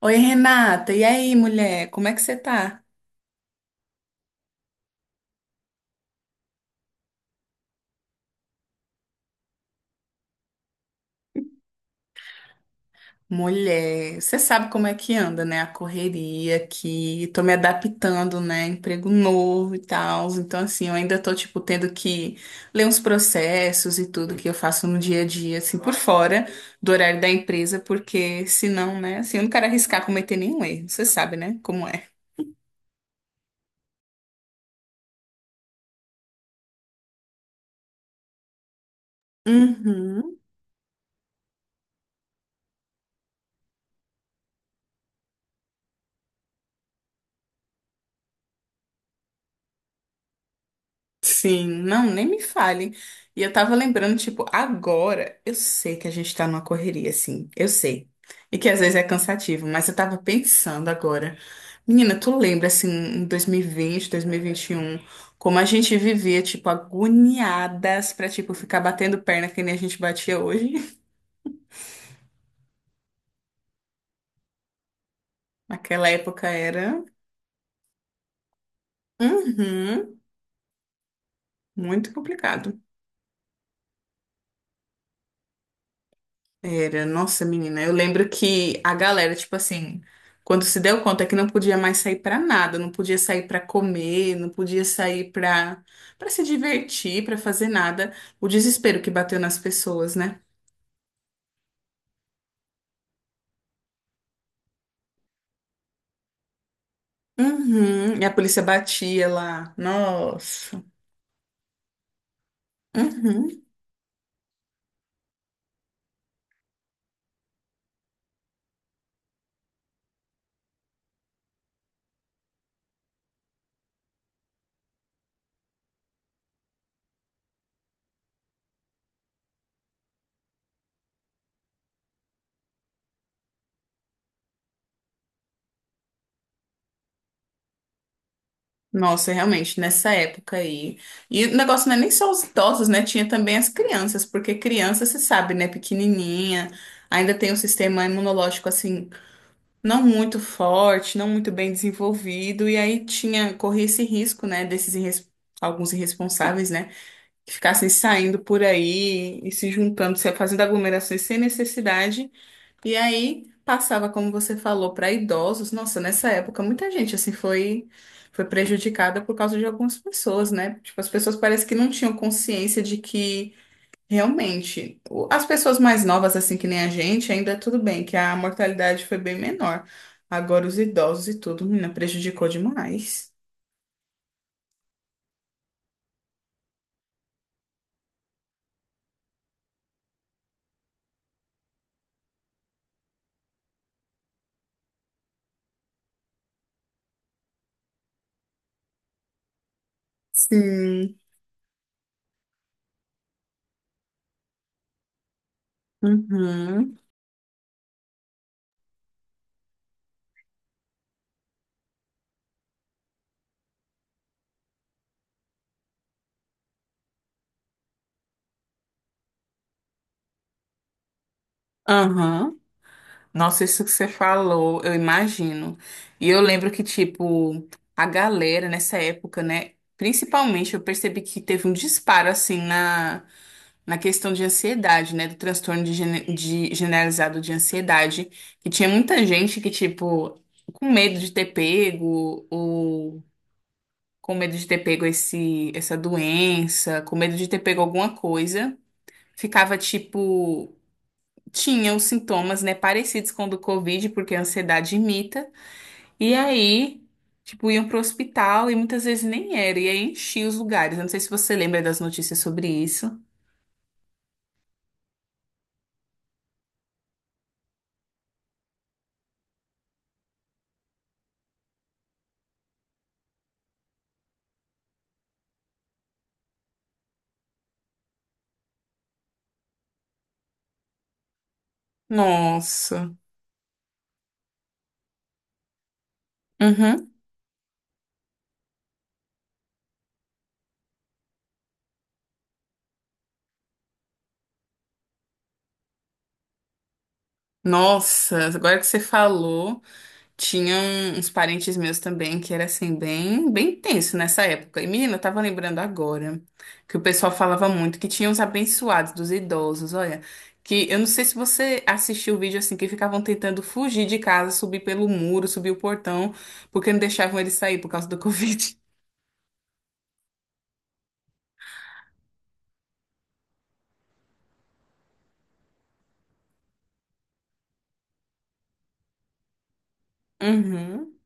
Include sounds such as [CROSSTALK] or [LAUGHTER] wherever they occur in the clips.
Oi, Renata. E aí, mulher? Como é que você tá? Mulher, você sabe como é que anda, né? A correria aqui. Tô me adaptando, né? Emprego novo e tal. Então, assim, eu ainda tô, tipo, tendo que ler uns processos e tudo que eu faço no dia a dia, assim, por fora do horário da empresa, porque senão, né? Assim, eu não quero arriscar cometer nenhum erro. Você sabe, né? Como é. Uhum. Sim, não, nem me fale. E eu tava lembrando, tipo, agora, eu sei que a gente tá numa correria, assim, eu sei. E que às vezes é cansativo, mas eu tava pensando agora. Menina, tu lembra, assim, em 2020, 2021, como a gente vivia, tipo, agoniadas pra, tipo, ficar batendo perna que nem a gente batia hoje? [LAUGHS] Naquela época era, uhum, muito complicado. Era, nossa, menina, eu lembro que a galera, tipo assim, quando se deu conta que não podia mais sair pra nada, não podia sair pra comer, não podia sair pra para se divertir, pra fazer nada, o desespero que bateu nas pessoas, né? Uhum, e a polícia batia lá. Nossa. Uhum. Nossa, realmente, nessa época aí. E o negócio não é nem só os idosos, né? Tinha também as crianças, porque criança, você sabe, né? Pequenininha, ainda tem um sistema imunológico assim não muito forte, não muito bem desenvolvido, e aí tinha, corria esse risco, né, alguns irresponsáveis, né, que ficassem saindo por aí e se juntando, se fazendo aglomerações sem necessidade, e aí passava, como você falou, para idosos. Nossa, nessa época muita gente assim foi prejudicada por causa de algumas pessoas, né? Tipo, as pessoas parece que não tinham consciência de que realmente, as pessoas mais novas, assim que nem a gente, ainda é tudo bem, que a mortalidade foi bem menor. Agora os idosos e tudo, menina, prejudicou demais. Sim. Uhum. Aham. Nossa, isso que você falou, eu imagino. E eu lembro que, tipo, a galera nessa época, né? Principalmente, eu percebi que teve um disparo, assim, na questão de ansiedade, né? Do transtorno de generalizado de ansiedade, que tinha muita gente que, tipo, com medo de ter pego, ou com medo de ter pego essa doença, com medo de ter pego alguma coisa, ficava, tipo, tinha os sintomas, né, parecidos com o do Covid, porque a ansiedade imita, e aí. Tipo, iam pro hospital e muitas vezes nem era, e aí enchia os lugares. Eu não sei se você lembra das notícias sobre isso. Nossa. Uhum. Nossa, agora que você falou, tinham uns parentes meus também que era assim, bem tenso nessa época. E menina, eu tava lembrando agora que o pessoal falava muito que tinha os abençoados dos idosos, olha, que eu não sei se você assistiu o vídeo assim, que ficavam tentando fugir de casa, subir pelo muro, subir o portão, porque não deixavam eles sair por causa do [LAUGHS] Covid. Uhum.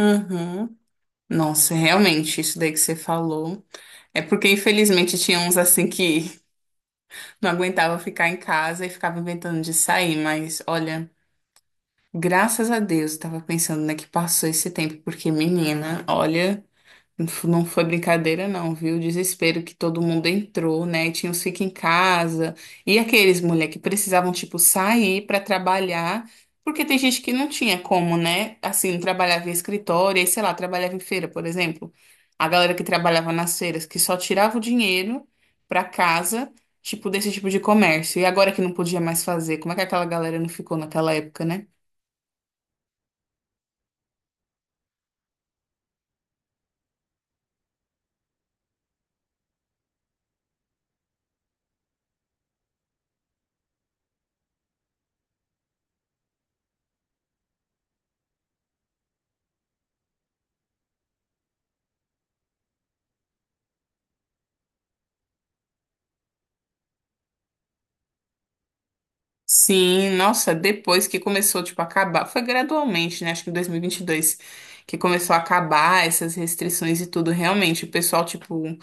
Uhum. Nossa, realmente, isso daí que você falou. É porque, infelizmente, tinha uns assim que não aguentava ficar em casa e ficava inventando de sair, mas olha, graças a Deus, eu tava pensando, né, que passou esse tempo, porque menina, olha. Não foi brincadeira, não, viu? O desespero que todo mundo entrou, né? Tinha os fica em casa. E aqueles mulher que precisavam, tipo, sair para trabalhar, porque tem gente que não tinha como, né? Assim, trabalhava em escritório, e sei lá, trabalhava em feira, por exemplo. A galera que trabalhava nas feiras, que só tirava o dinheiro para casa, tipo, desse tipo de comércio. E agora que não podia mais fazer, como é que aquela galera não ficou naquela época, né? Sim, nossa, depois que começou, tipo, a acabar, foi gradualmente, né? Acho que em 2022 que começou a acabar essas restrições e tudo, realmente, o pessoal, tipo,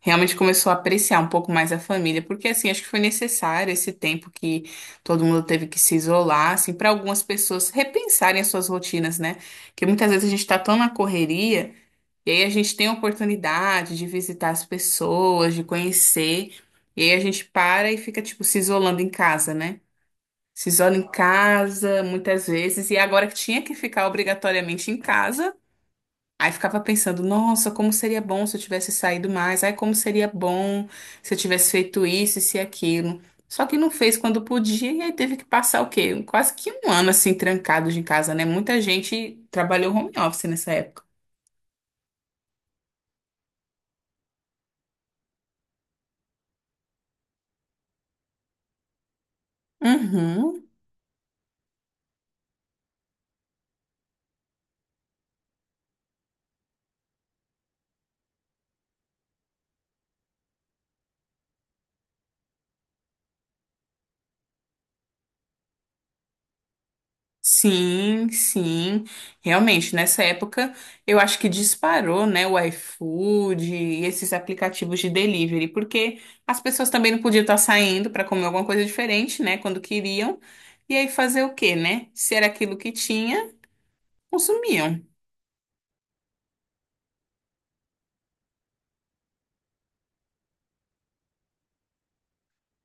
realmente começou a apreciar um pouco mais a família, porque, assim, acho que foi necessário esse tempo que todo mundo teve que se isolar, assim, para algumas pessoas repensarem as suas rotinas, né? Porque muitas vezes a gente tá tão na correria, e aí a gente tem a oportunidade de visitar as pessoas, de conhecer, e aí a gente para e fica, tipo, se isolando em casa, né? Se isola em casa, muitas vezes, e agora que tinha que ficar obrigatoriamente em casa, aí ficava pensando, nossa, como seria bom se eu tivesse saído mais, ai, como seria bom se eu tivesse feito isso, isso e aquilo. Só que não fez quando podia, e aí teve que passar o quê? Quase que um ano assim, trancado de casa, né? Muita gente trabalhou home office nessa época. Uhum. Sim, sim, realmente, nessa época eu acho que disparou, né, o iFood e esses aplicativos de delivery, porque as pessoas também não podiam estar saindo para comer alguma coisa diferente, né, quando queriam, e aí fazer o quê, né? Se era aquilo que tinha, consumiam.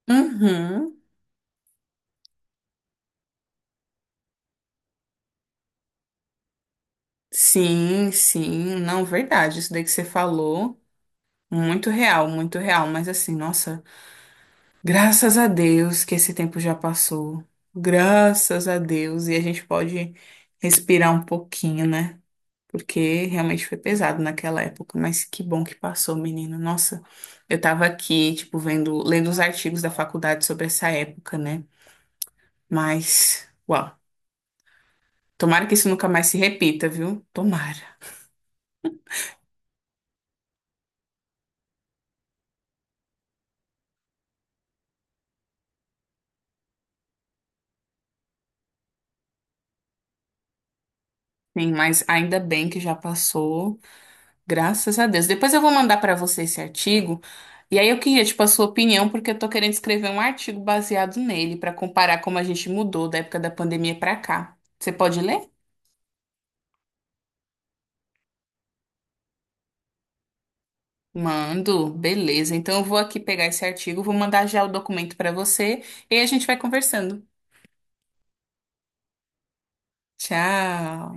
Uhum. Sim, sim, não, verdade, isso daí que você falou, muito real, muito real, mas assim, nossa. Graças a Deus que esse tempo já passou. Graças a Deus. E a gente pode respirar um pouquinho, né? Porque realmente foi pesado naquela época. Mas que bom que passou, menino. Nossa, eu tava aqui, tipo, vendo, lendo os artigos da faculdade sobre essa época, né? Mas, uau. Tomara que isso nunca mais se repita, viu? Tomara. Sim, mas ainda bem que já passou. Graças a Deus. Depois eu vou mandar para você esse artigo. E aí eu queria, tipo, a sua opinião, porque eu tô querendo escrever um artigo baseado nele para comparar como a gente mudou da época da pandemia para cá. Você pode ler? Mando, beleza. Então eu vou aqui pegar esse artigo, vou mandar já o documento para você e aí a gente vai conversando. Tchau.